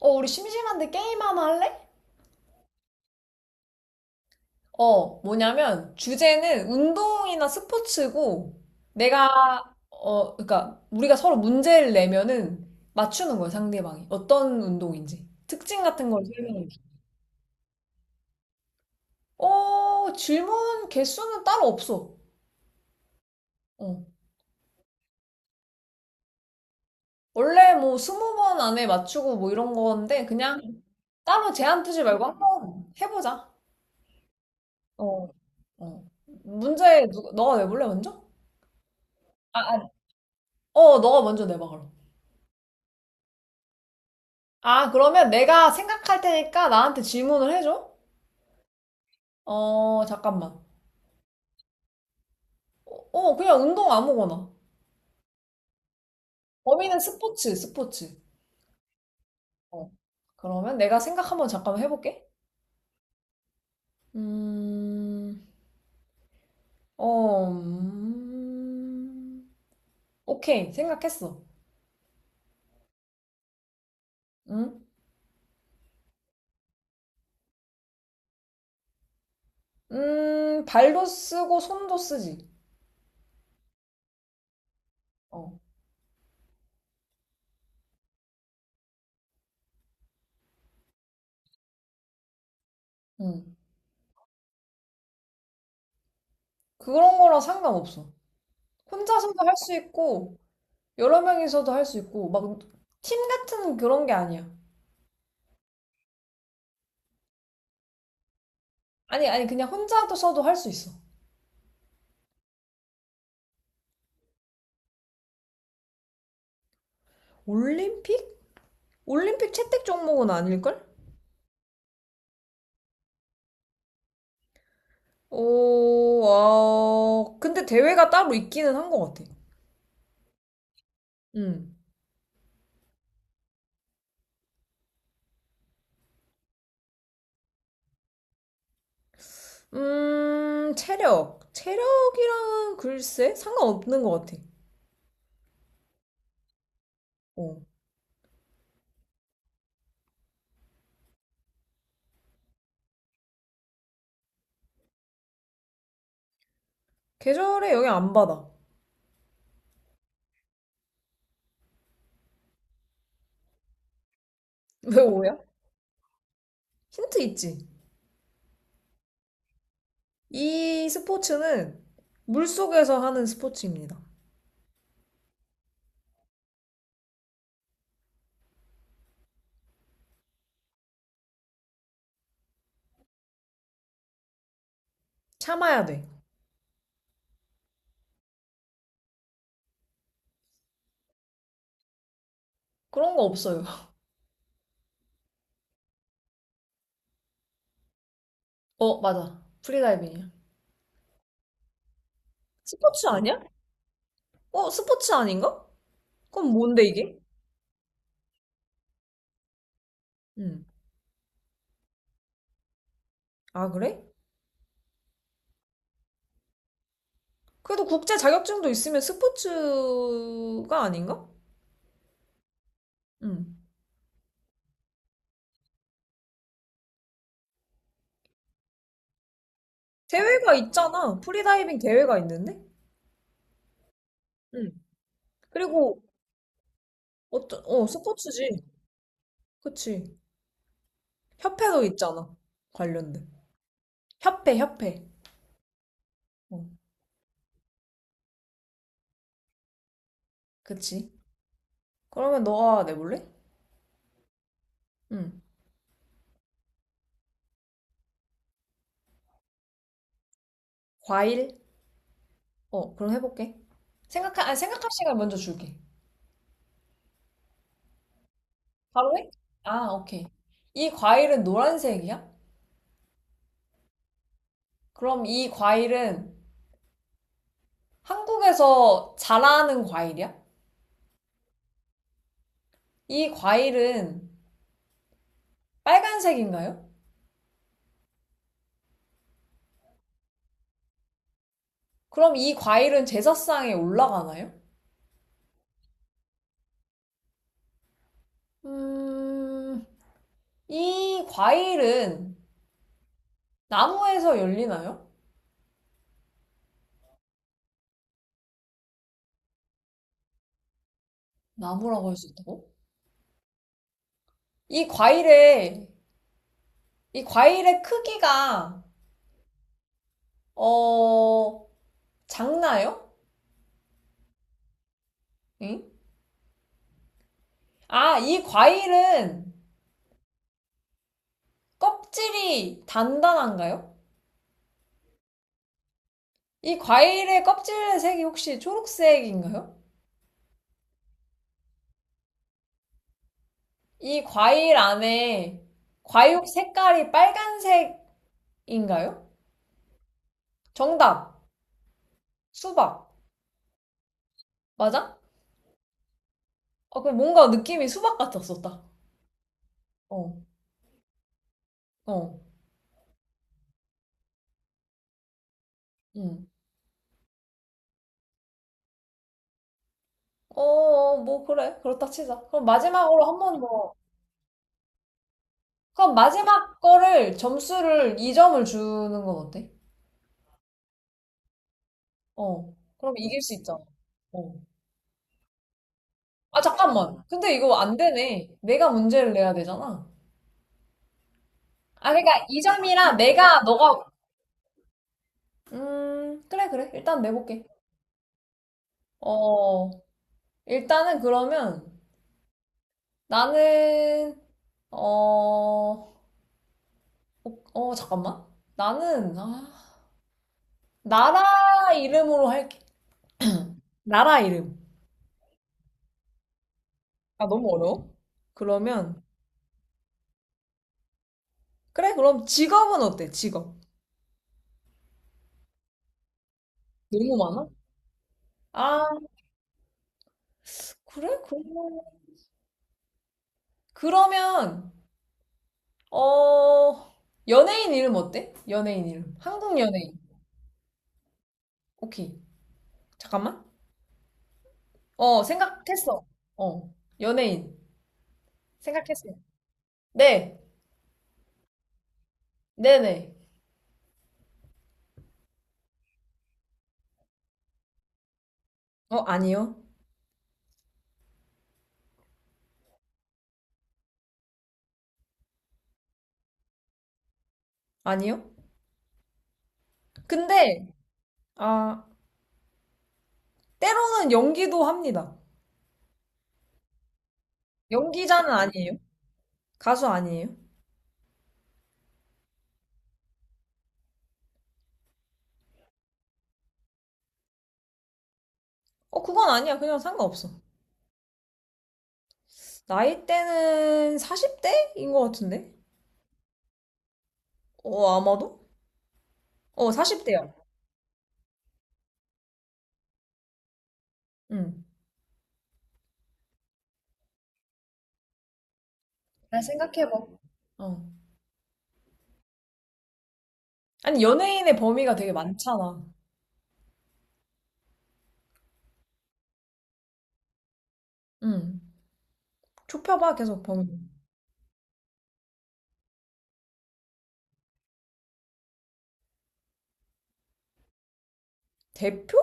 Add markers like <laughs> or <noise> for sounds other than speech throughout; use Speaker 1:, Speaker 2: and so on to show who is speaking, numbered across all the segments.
Speaker 1: 우리 심심한데 게임 하나 할래? 뭐냐면, 주제는 운동이나 스포츠고, 그러니까, 우리가 서로 문제를 내면은 맞추는 거야, 상대방이. 어떤 운동인지, 특징 같은 걸 설명해 줘. 질문 개수는 따로 없어. 어. 원래 뭐, 20번 안에 맞추고 뭐 이런 건데, 그냥 따로 제한 두지 말고 한번 해보자. 어, 어. 문제, 누가, 너가 내볼래, 먼저? 아, 아. 너가 먼저 내봐, 그럼. 아, 그러면 내가 생각할 테니까 나한테 질문을 해줘? 잠깐만. 그냥 운동 아무거나. 범위는 스포츠, 스포츠. 어. 그러면 내가 생각 한번 잠깐 해볼게. 음, 어, 음, 오케이. 생각했어. 응? 발도 쓰고 손도 쓰지. 어, 응. 그런 거랑 상관없어. 혼자서도 할 수 있고, 여러 명이서도 할 수 있고, 막, 팀 같은 그런 게 아니야. 아니, 아니, 그냥 혼자도 써도 할 수 있어. 올림픽? 올림픽 채택 종목은 아닐걸? 오, 아, 근데 대회가 따로 있기는 한 것 같아. 음, 체력. 체력이랑 글쎄, 상관없는 것 같아. 어. 계절에 영향 안 받아. <laughs> 왜 오야? 힌트 있지? 이 스포츠는 물속에서 하는 스포츠입니다. 참아야 돼. 그런 거 없어요. <laughs> 어, 맞아. 프리다이빙이야. 스포츠 아니야? 스포츠 아닌가? 그럼 뭔데 이게? 음. 아, 그래? 그래도 국제 자격증도 있으면 스포츠가 아닌가? 음. 대회가 있잖아. 프리다이빙 대회가 있는데? 음. 그리고 어떤 스포츠지. 그치. 협회도 있잖아. 관련된. 협회, 협회. 어, 그치. 그러면 너가 내볼래? 음. 과일? 그럼 해볼게. 생각할 시간 먼저 줄게. 바로 해? 아, 오케이. 이 과일은 노란색이야? 그럼 이 과일은 한국에서 자라는 과일이야? 이 과일은 빨간색인가요? 그럼 이 과일은 제사상에 올라가나요? 음, 이 과일은 나무에서 열리나요? 나무라고 할 수 있다고? 이 과일의, 이 과일의 크기가, 어, 작나요? 응? 아, 이 과일은 껍질이 단단한가요? 이 과일의 껍질의 색이 혹시 초록색인가요? 이 과일 안에 과육 색깔이 빨간색인가요? 정답. 수박. 맞아? 아, 그 뭔가 느낌이 수박 같았었다. 어, 어, 음. 어, 어, 뭐, 그래. 그렇다 치자. 그럼 마지막으로 한 번 더. 그럼 마지막 거를 점수를 2점을 주는 건 어때? 어. 그럼 이길 수 있잖아. 어. 아, 잠깐만. 근데 이거 안 되네. 내가 문제를 내야 되잖아. 아, 그러니까 2점이라 내가, 너가, 그래, 그래. 일단 내볼게. 어, 일단은 그러면 나는, 어, 잠깐만. 나는, 아, 나라 이름으로 할게. 나라 이름. 아, 너무 어려워? 그러면, 그래, 그럼 직업은 어때? 직업. 너무 많아? 아, 그래? 그러면, 어, 연예인 이름 어때? 연예인 이름. 한국 연예인. 오케이. 잠깐만. 생각했어. 어, 연예인. 생각했어. 네, 네네. 아니요. 아니요. 근데, 아, 때로는 연기도 합니다. 연기자는 아니에요. 가수 아니에요. 그건 아니야. 그냥 상관없어. 나이대는 40대인 것 같은데? 아마도? 40대야. 응. 잘 생각해봐. 어. 아니, 연예인의 범위가 되게 많잖아. 응. 좁혀봐, 계속 범위. 대표?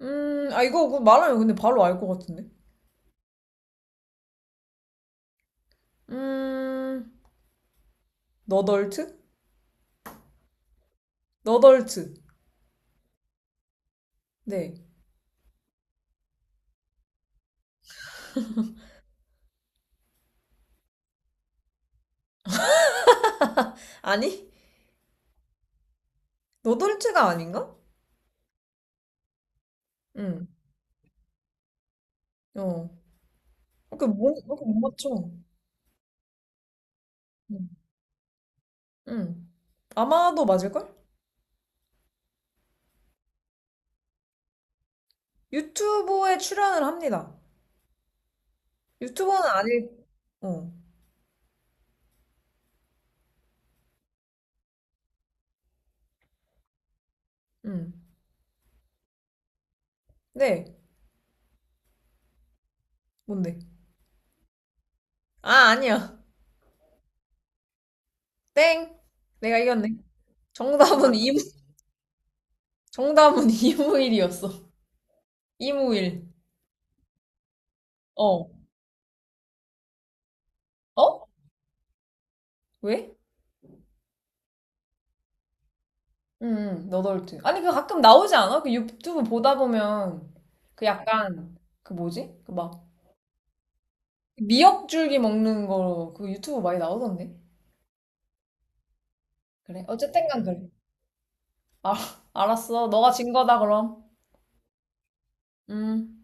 Speaker 1: 아, 이거 그 말하면 근데 바로 알 것 같은데? 음, 너덜트? 너덜트. 네. 아니? 너 돌체가 아닌가? 응. 어. 그못 그렇게 못 맞춰. 응. 응. 아마도 맞을걸? 유튜브에 출연을 합니다. 유튜버는 아닐. 어. 응. 네. 뭔데? 아, 아니야. 땡. 내가 이겼네. 정답은 이무 정답은 <laughs> 이무일이었어. 이무일. 어. 어? 왜? 응, 응. 너덜트. 아니 그 가끔 나오지 않아? 그 유튜브 보다 보면 그 약간 그 뭐지? 그막 미역줄기 먹는 거, 그 유튜브 많이 나오던데? 그래. 어쨌든 간 그래. 아, <laughs> 알았어. 너가 진 거다, 그럼. 음.